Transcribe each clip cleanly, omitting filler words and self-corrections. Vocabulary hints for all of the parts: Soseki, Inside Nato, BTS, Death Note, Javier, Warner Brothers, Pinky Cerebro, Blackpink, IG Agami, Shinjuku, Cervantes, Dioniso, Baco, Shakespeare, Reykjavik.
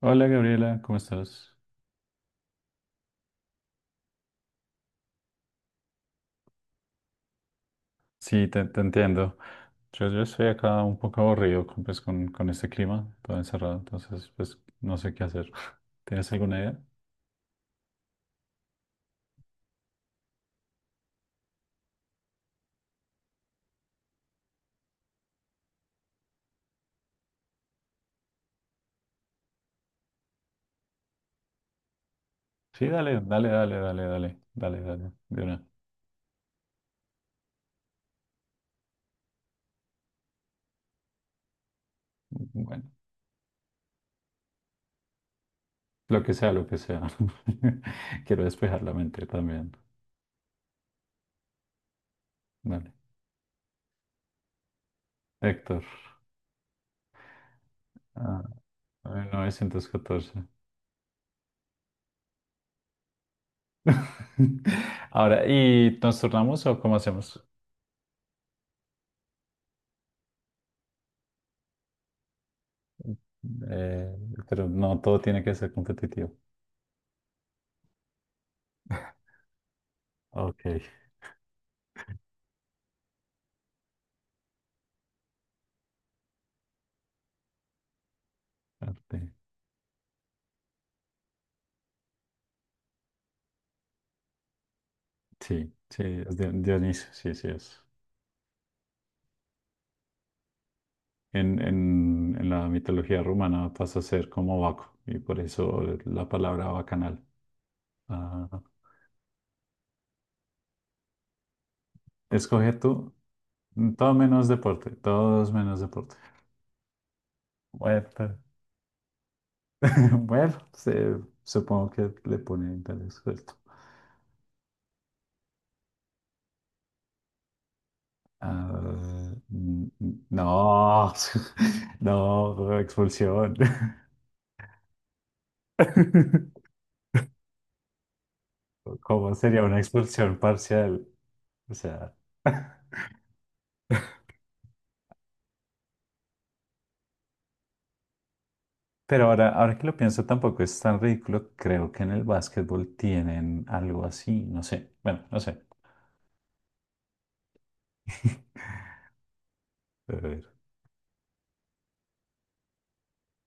Hola Gabriela, ¿cómo estás? Sí, te entiendo. Yo estoy acá un poco aburrido con, pues, con este clima, todo encerrado, entonces pues no sé qué hacer. ¿Tienes alguna idea? Sí, dale, dale, dale, dale, dale, dale, dale, de una. Bueno, lo que sea, lo que sea. Quiero despejar la mente también. Dale. Héctor, ah, 1914. Ahora, ¿y nos turnamos o cómo hacemos? Eh, pero no, todo tiene que ser competitivo. Ok. Arte. Sí, sí, es de Dioniso, sí, sí es. En la mitología romana pasa a ser como Baco, y por eso la palabra bacanal. Ah, escoge tú, todo menos deporte, todos menos deporte. Bueno, bueno, supongo que le pone interés suelto. Ah, no, no, expulsión. ¿Cómo sería una expulsión parcial? O sea. Pero ahora que lo pienso, tampoco es tan ridículo. Creo que en el básquetbol tienen algo así. No sé. Bueno, no sé. A ver,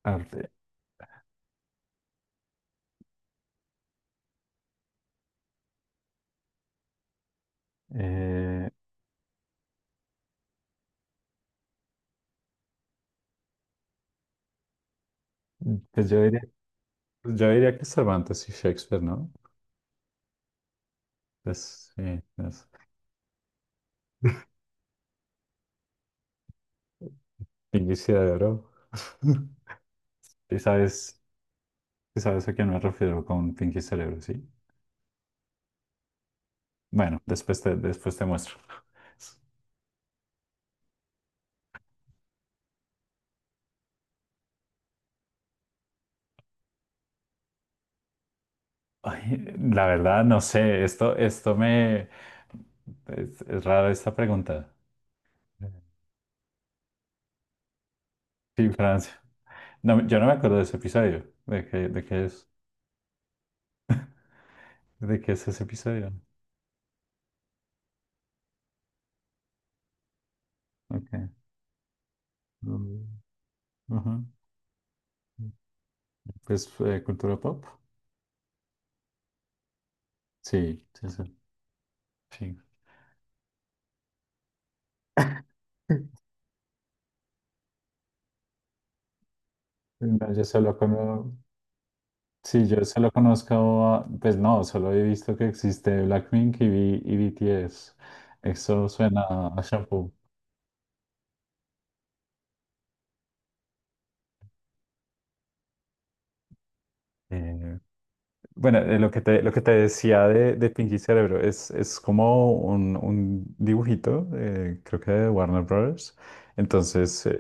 arte. Eh, pues yo diría, pues yo diría que Cervantes y Shakespeare, ¿no? Pues sí, es Pinky Cerebro. ¿Y sabes a quién me refiero con Pinky Cerebro, sí? Bueno, después te muestro. Ay, la verdad, no sé. Esto me... Es raro esta pregunta. Sí, Francia. No, yo no me acuerdo de ese episodio. ¿De qué es? ¿De qué es ese episodio? Ok. Mm, ujú. Pues cultura pop. Sí, sí, sí. Sí. No, yo solo conozco, sí, yo solo conozco, a- pues no, solo he visto que existe Blackpink y, y BTS. Eso suena a shampoo. Eh, bueno, lo que te decía de Pinky Cerebro es como un dibujito, creo que de Warner Brothers. Entonces,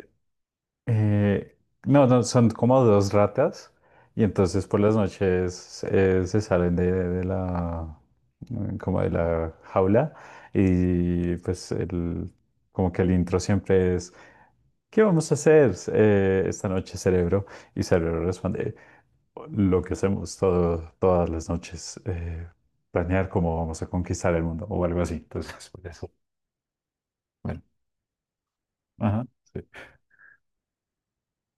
Eh, no, no, son como dos ratas y entonces por las noches se salen de la como de la jaula y pues como que el intro siempre es ¿qué vamos a hacer esta noche, cerebro? Y cerebro responde lo que hacemos todas las noches, planear cómo vamos a conquistar el mundo o algo así. Entonces por eso, bueno, ajá, sí,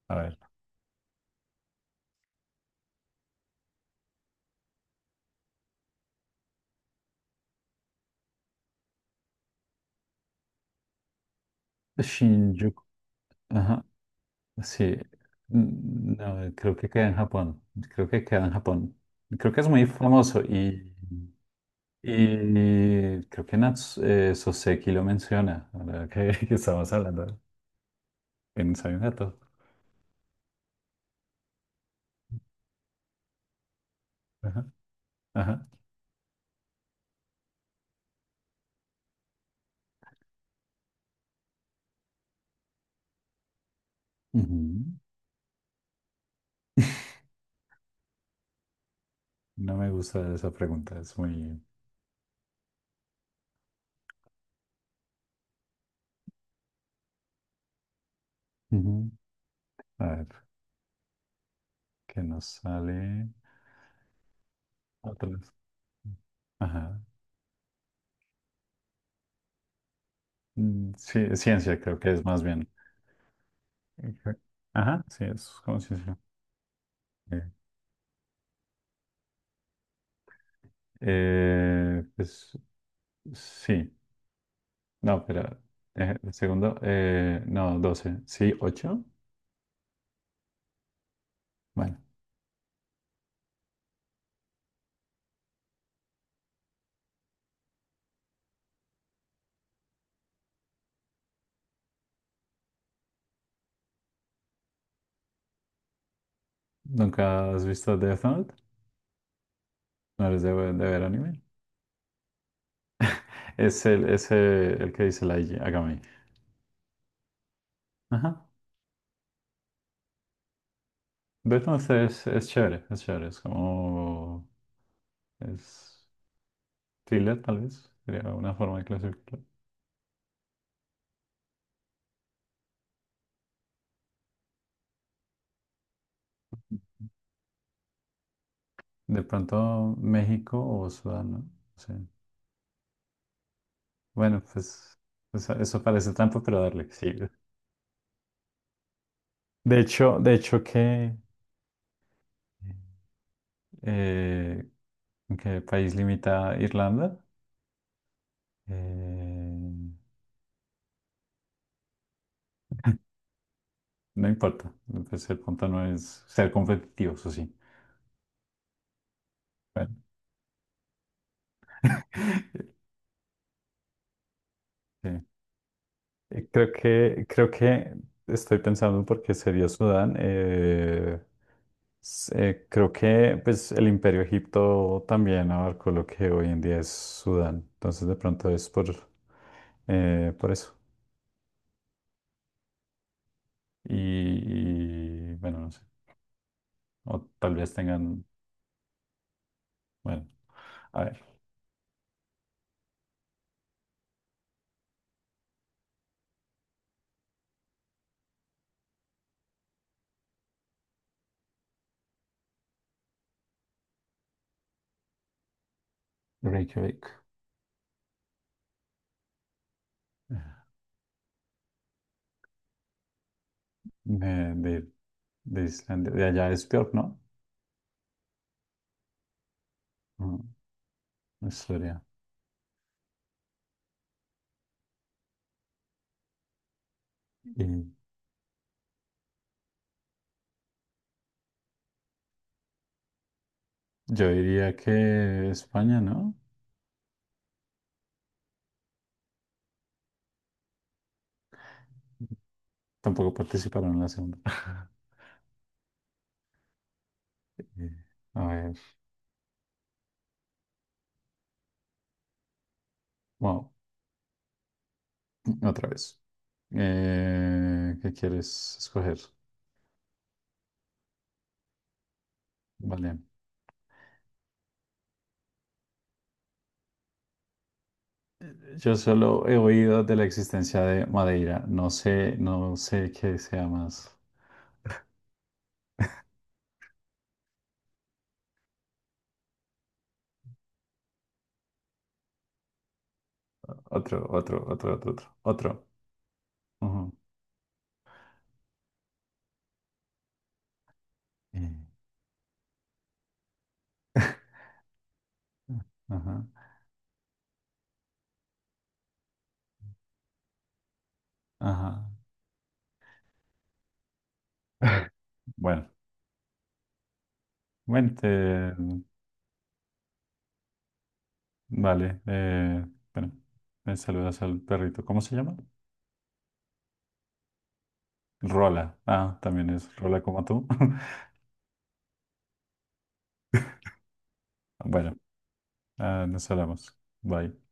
a ver, Shinjuku, ajá. Sí, no, creo que queda en Japón. Creo que queda en Japón. Creo que es muy famoso y creo que Soseki lo menciona, ahora que, que estamos hablando en Inside Nato. Ajá, ajá. Ujú. No me gusta esa pregunta, es muy... Ujú. A ver, ¿qué nos sale? Otras. Ajá. Mm, sí, ciencia creo que es más bien. Ujú. Ajá, sí, es como ciencia. Eh, pues sí. No, pero un segundo. No, 12, sí, 8. Bueno, ¿nunca has visto Death Note? ¿No eres de ver anime? Es el que dice la IG Agami. Ajá. Death Note es chévere, es chévere. Es como... Es thriller, tal vez. Sería una forma de clasificarlo. De pronto México o Sudán, ¿no? Sí. Bueno, pues eso parece trampa, pero darle, sí. De hecho que... eh, ¿En qué país limita Irlanda? Eh, no importa, pues el punto no es ser competitivos, o sí. Bueno, eh, creo que estoy pensando porque sería Sudán. Creo que pues, el Imperio Egipto también abarcó lo que hoy en día es Sudán. Entonces de pronto es por eso. Y, bueno, no sé. O tal vez tengan, bueno, a ver. Reykjavik. Eh, De, de de Islandia, de allá es peor, ¿no? Ah, Historia. Y yo diría que España, ¿no? Tampoco participaron en la segunda. Eh, A ver, wow, otra vez. ¿Qué quieres escoger? Vale. Yo solo he oído de la existencia de Madeira. No sé, no sé qué sea más. Otro, otro, otro, otro, otro, otro. Ujú. Eh, Ajá, ajá. Bueno, mente. Vale, bueno, me saludas al perrito. ¿Cómo se llama? Rola. Ah, también es Rola como tú. Bueno, ah, nos hablamos. Bye.